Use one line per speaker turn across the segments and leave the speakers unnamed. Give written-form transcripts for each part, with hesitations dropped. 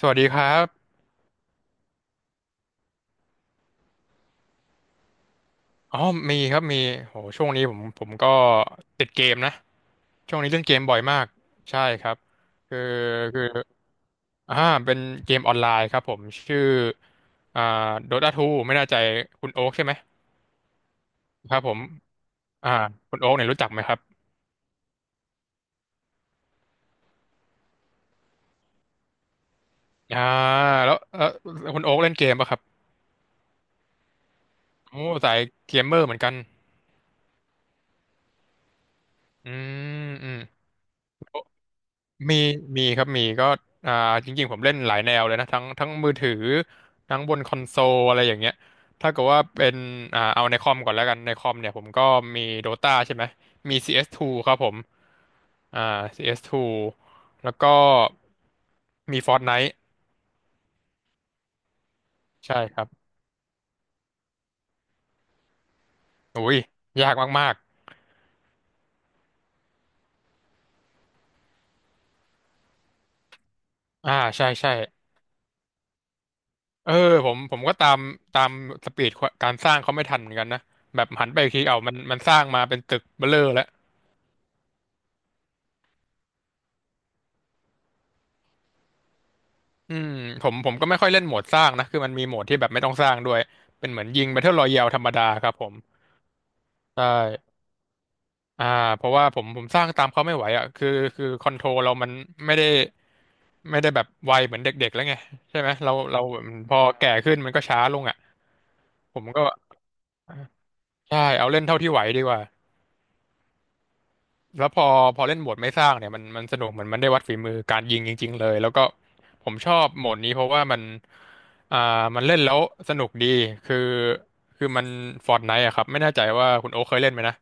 สวัสดีครับอ๋อมีครับมีโหช่วงนี้ผมก็ติดเกมนะช่วงนี้เล่นเกมบ่อยมากใช่ครับคือคืออ่าเป็นเกมออนไลน์ครับผมชื่ออ่า Dota ทูไม่แน่ใจคุณโอ๊คใช่ไหมครับผมอ่าคุณโอ๊คเนี่ยรู้จักไหมครับอ่าแล้วเออคุณโอ๊คเล่นเกมป่ะครับโอ้สายเกมเมอร์เหมือนกันอืมอืม มีมีครับก็อ่าจริงๆผมเล่นหลายแนวเลยนะทั้งมือถือทั้งบนคอนโซลอะไรอย่างเงี้ยถ้าเกิดว่าเป็นเอาในคอมก่อนแล้วกันในคอมเนี่ยผมก็มี Dota ใช่ไหมมี CS2 ครับผมอ่า CS2 แล้วก็มี Fortnite ใช่ครับอุ้ยยากมากๆใช่ใช่เออผมก็ตามสปีดการสร้างเขาไม่ทันเหมือนกันนะแบบหันไปอีกทีเอามันสร้างมาเป็นตึกเบ้อเร่อแล้ว อืมผมก็ไม่ค่อยเล่นโหมดสร้างนะคือมันมีโหมดที่แบบไม่ต้องสร้างด้วยเป็นเหมือนยิง Battle Royale ธรรมดาครับผมใช่อ่าเพราะว่าผมสร้างตามเขาไม่ไหวอ่ะคือคือคอนโทรลเรามันไม่ได้ไม่ได้แบบไวเหมือนเด็กๆแล้วไงใช่ไหมเราพอแก่ขึ้นมันก็ช้าลงอ่ะผมก็ใช่เอาเล่นเท่าที่ไหวดีกว่า แล้วพอพอเล่นโหมดไม่สร้างเนี่ยมันสนุกเหมือนมันได้วัดฝีมือการยิงจริงๆเลยแล้วก็ผมชอบโหมดนี้เพราะว่ามันอ่ามันเล่นแล้วสนุกดีคือคือมัน Fortnite อะครับไม่แน่ใจว่าคุณโอ๊คเคยเล่นไหมนะ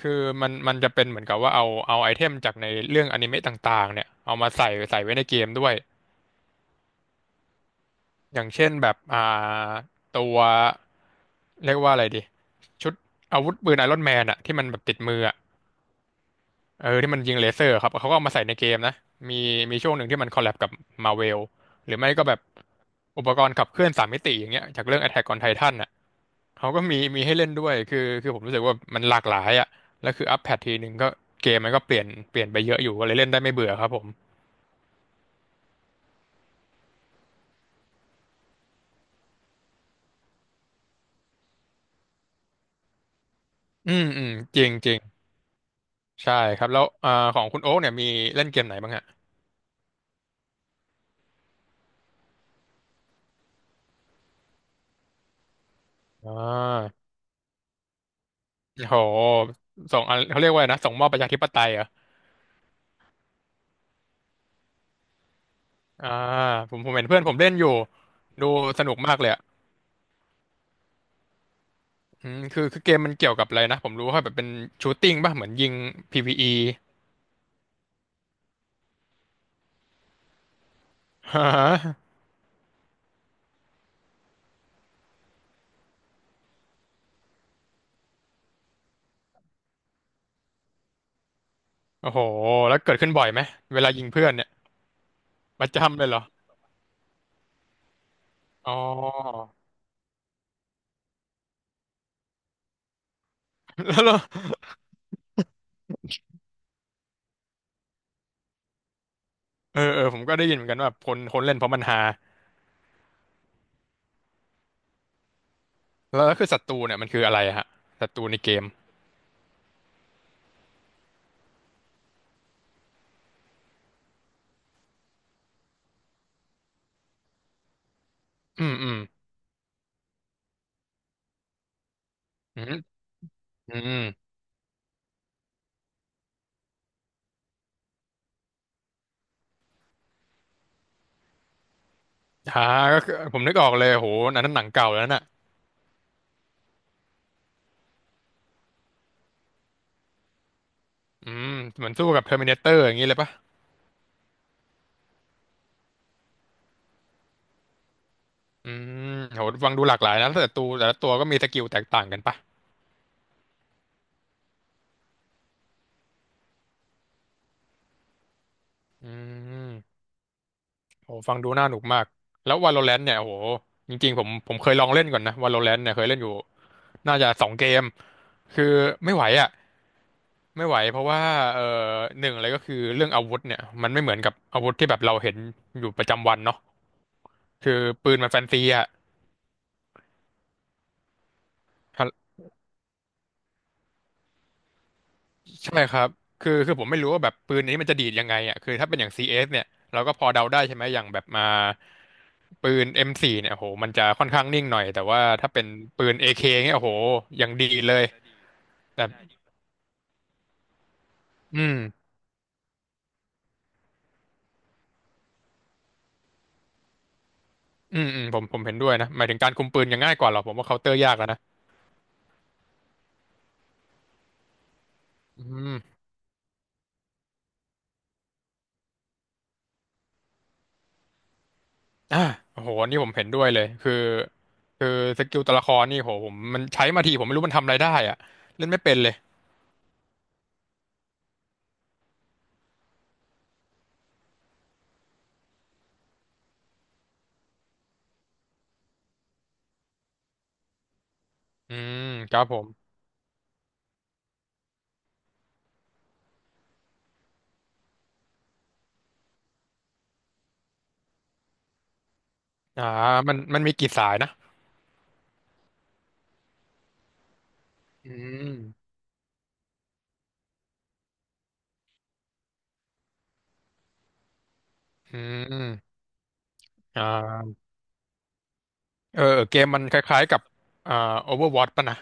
คือมันจะเป็นเหมือนกับว่าเอาไอเทมจากในเรื่องอนิเมะต่างๆเนี่ยเอามาใส่ไว้ในเกมด้วยอย่างเช่นแบบตัวเรียกว่าอะไรดีชุดอาวุธปืนไอรอนแมนอะที่มันแบบติดมืออะ เออที่มันยิงเลเซอร์ครับเขาก็เอามาใส่ในเกมนะมีมีช่วงหนึ่งที่มันคอลแลบกับมาเวลหรือไม่ก็แบบอุปกรณ์ขับเคลื่อนสามมิติอย่างเงี้ยจากเรื่อง Attack on Titan น่ะเขาก็มีมีให้เล่นด้วยคือผมรู้สึกว่ามันหลากหลายอ่ะแล้วคืออัปแพททีหนึ่งก็เกมมันก็เปลี่ยนไปเยอะอยู่ก็เลยเล่นได้ไม่เบื่อครับผมอืมอืมจริงจริงใช่ครับแล้วของคุณโอ๊กเนี่ยมีเล่นเกมไหนบ้างฮะอ่าโหส่งอะไรเขาเรียกว่าอะไรนะส่งมอบประชาธิปไตยเหรออ่าผมเห็นเพื่อนผมเล่นอยู่ดูสนุกมากเลย อืมคือเกมมันเกี่ยวกับอะไรนะผมรู้ว่าแบบเป็นชูตติ้งป่ะเหมือนยิง PVE ฮะโอ้โหแล้วเกิดขึ้นบ่อยไหมเวลายิงเพื่อนเนี่ยประจำเลยเหรออ๋อแล้วเหรอเออเออผมก็ได้ยินเหมือนกันว่าคนเล่นเพราะมันฮาแล้วแล้วคือศัตรูเนี่ยมันคืออะไรฮะศัตรูในเกมอืมอืมอืมอืมฮาก็คือผมนึกออกเลยโหอันนั้นหนังเก่าแล้วน่ะอืมเหมือนสู้กับ Terminator อย่างนี้เลยป่ะอืมโหฟังดูหลากหลายนะแต่ละตัวแต่ละตัวก็มีสกิลแตกต่างกันป่ะอืม โอ้ฟังดูน่าหนุกมากแล้ว Valorant เนี่ยโอ้โหจริงๆผมเคยลองเล่นก่อนนะ Valorant เนี่ยเคยเล่นอยู่น่าจะสองเกมคือไม่ไหวอ่ะไม่ไหวเพราะว่าเอ่อหนึ่งเลยก็คือเรื่องอาวุธเนี่ยมันไม่เหมือนกับอาวุธที่แบบเราเห็นอยู่ประจำวันเนาะคือปืนมันแฟนซีอ่ะใช่ครับคือคือผมไม่รู้ว่าแบบปืนนี้มันจะดีดยังไงอ่ะคือถ้าเป็นอย่าง CS เอสเนี่ยเราก็พอเดาได้ใช่ไหมอย่างแบบมาปืน M4 เนี่ยโอ้โหมันจะค่อนข้างนิ่งหน่อยแต่ว่าถ้าเป็นปืนเ k เคเนี่ยโอ้โหอย่างดีดเลย อืมอืมอืมผมเห็นด้วยนะหมายถึงการคุมปืนยังง่ายกว่าหรอกผมว่าเคาน์เตอร์ยากแล้วนะอืมอ่าโอ้โหอันนี่ผมเห็นด้วยเลยคือคือสกิลตัวละครนี่โหผมมันใช้มาทีผมไม่รู้มันทำอะไรได้อะเล่นไม่เป็นเลยอืมครับผมอ่ามันมีกี่สายนะอืมอืมอ่าเออเออเกมมันคล้ายๆกับอ่า Overwatch ป่ะนะ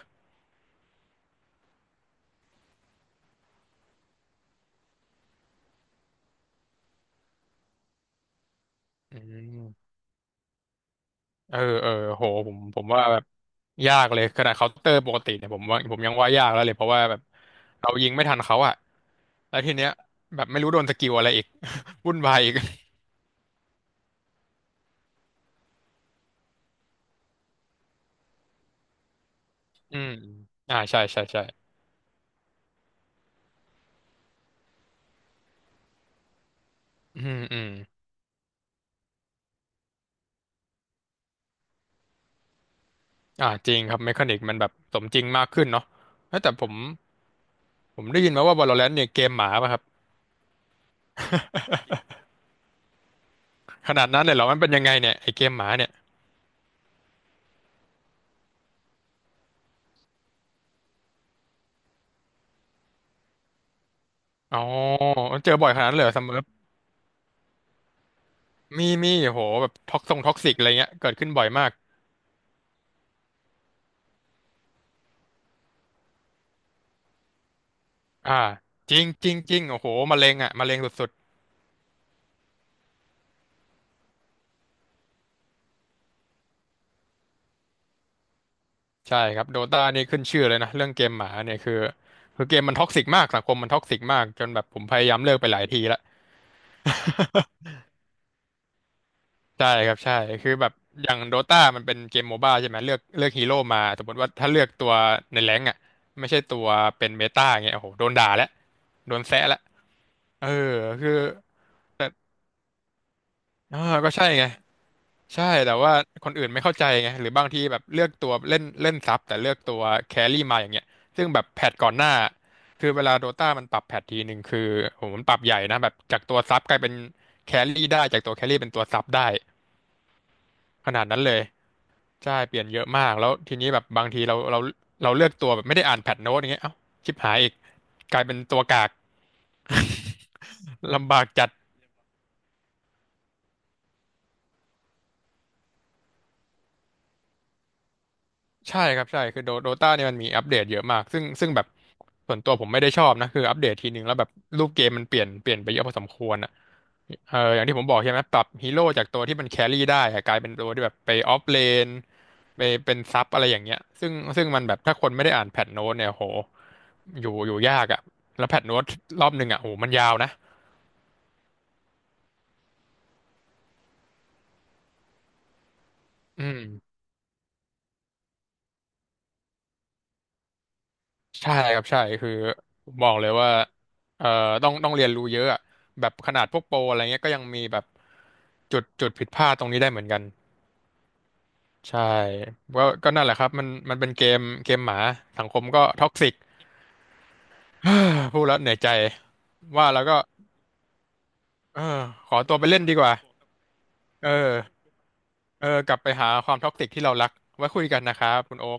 อืมเออเออโหผมว่าแบบยากเลยขนาดเคาน์เตอร์ปกติเนี่ยผมว่าผมยังว่ายากแล้วเลยเพราะว่าแบบเรายิงไม่ทันเขาอะ แล้วทีเนี้ยแบบไม่รู้โดนสกิลอะไรอีก วุ่นวายอีก อืมใช่อืมอืมจริงครับเมคานิกมันแบบสมจริงมากขึ้นเนาะเอ้ยแต่ผมได้ยินมาว่า Valorant เนี่ยเกมหมาป่ะครับขนาดนั้นเลยเหรอมันเป็นยังไงเนี่ยไอเกมหมาเนี่ยอ๋อเจอบ่อยขนาดนั้นเลยเหรอซัมเมอร์มีโหแบบท็อกซิกอะไรเงี้ยเกิดขึ้นบ่อยมากอ่าจริงจริงจริงโอ้โหมะเร็งอ่ะมะเร็งสุดๆ ใช่ครับโดตานี่ขึ้นชื่อเลยนะเรื่องเกมหมาเนี่ยคือเกมมันท็อกซิกมากสังคมมันท็อกซิกมากจนแบบผมพยายามเลิกไปหลายทีละใช่ครับใช่คือแบบอย่างโดตามันเป็นเกมโมบ้าใช่ไหมเลือกฮีโร่มาสมมติว่าถ้าเลือกตัวในแรงค์อ่ะไม่ใช่ตัวเป็นเมตาเงี้ยโอ้โหโดนด่าแล้วโดนแซะแล้วเออคือแต่เออก็ใช่ไง ใช่แต่ว่าคนอื่นไม่เข้าใจไงหรือบางทีแบบเลือกตัวเล่นเล่นซับแต่เลือกตัวแครี่มาอย่างเงี้ยซึ่งแบบแพทก่อนหน้าคือเวลาโดต้ามันปรับแพททีหนึ่งคือโหมันปรับใหญ่นะแบบจากตัวซับกลายเป็นแครี่ได้จากตัวแครี่เป็นตัวซับได้ขนาดนั้นเลยใช่เปลี่ยนเยอะมากแล้วทีนี้แบบบางทีเราเราเลือกตัวแบบไม่ได้อ่านแพทโน้ตอย่างเงี้ยเอ้าชิบหายอีกกลายเป็นตัวกากลำบากจัด ใช่ครับใช่คือโดตาเนี่ยมันมีอัปเดตเยอะมากซึ่งแบบส่วนตัวผมไม่ได้ชอบนะคืออัปเดตทีนึงแล้วแบบรูปเกมมันเปลี่ยนไปเยอะพอสมควรอ่ะเอออย่างที่ผมบอกใช่ไหมปรับฮีโร่จากตัวที่มันแครี่ได้อะกลายเป็นตัวที่แบบไปออฟเลนไปเป็นซับอะไรอย่างเงี้ยซึ่งมันแบบถ้าคนไม่ได้อ่านแพทโน้ตเนี่ยโหอยู่ยากอ่ะแล้วแพทโน้ตรอบหนึ่งอ่ะโหมันยาวนะอืม ใช่ครับใช่คือบอกเลยว่าเอ่อต้องเรียนรู้เยอะอะแบบขนาดพวกโปรอะไรเงี้ยก็ยังมีแบบจุดผิดพลาดตรงนี้ได้เหมือนกันใช่ก็นั่นแหละครับมันเป็นเกมหมาสังคมก็ท็อกซิก พูดแล้วเหนื่อยใจว่าแล้วก็เออขอตัวไปเล่นดีกว่าเออเออกลับไปหาความท็อกซิกที่เรารักไว้คุยกันนะครับคุณโอ๊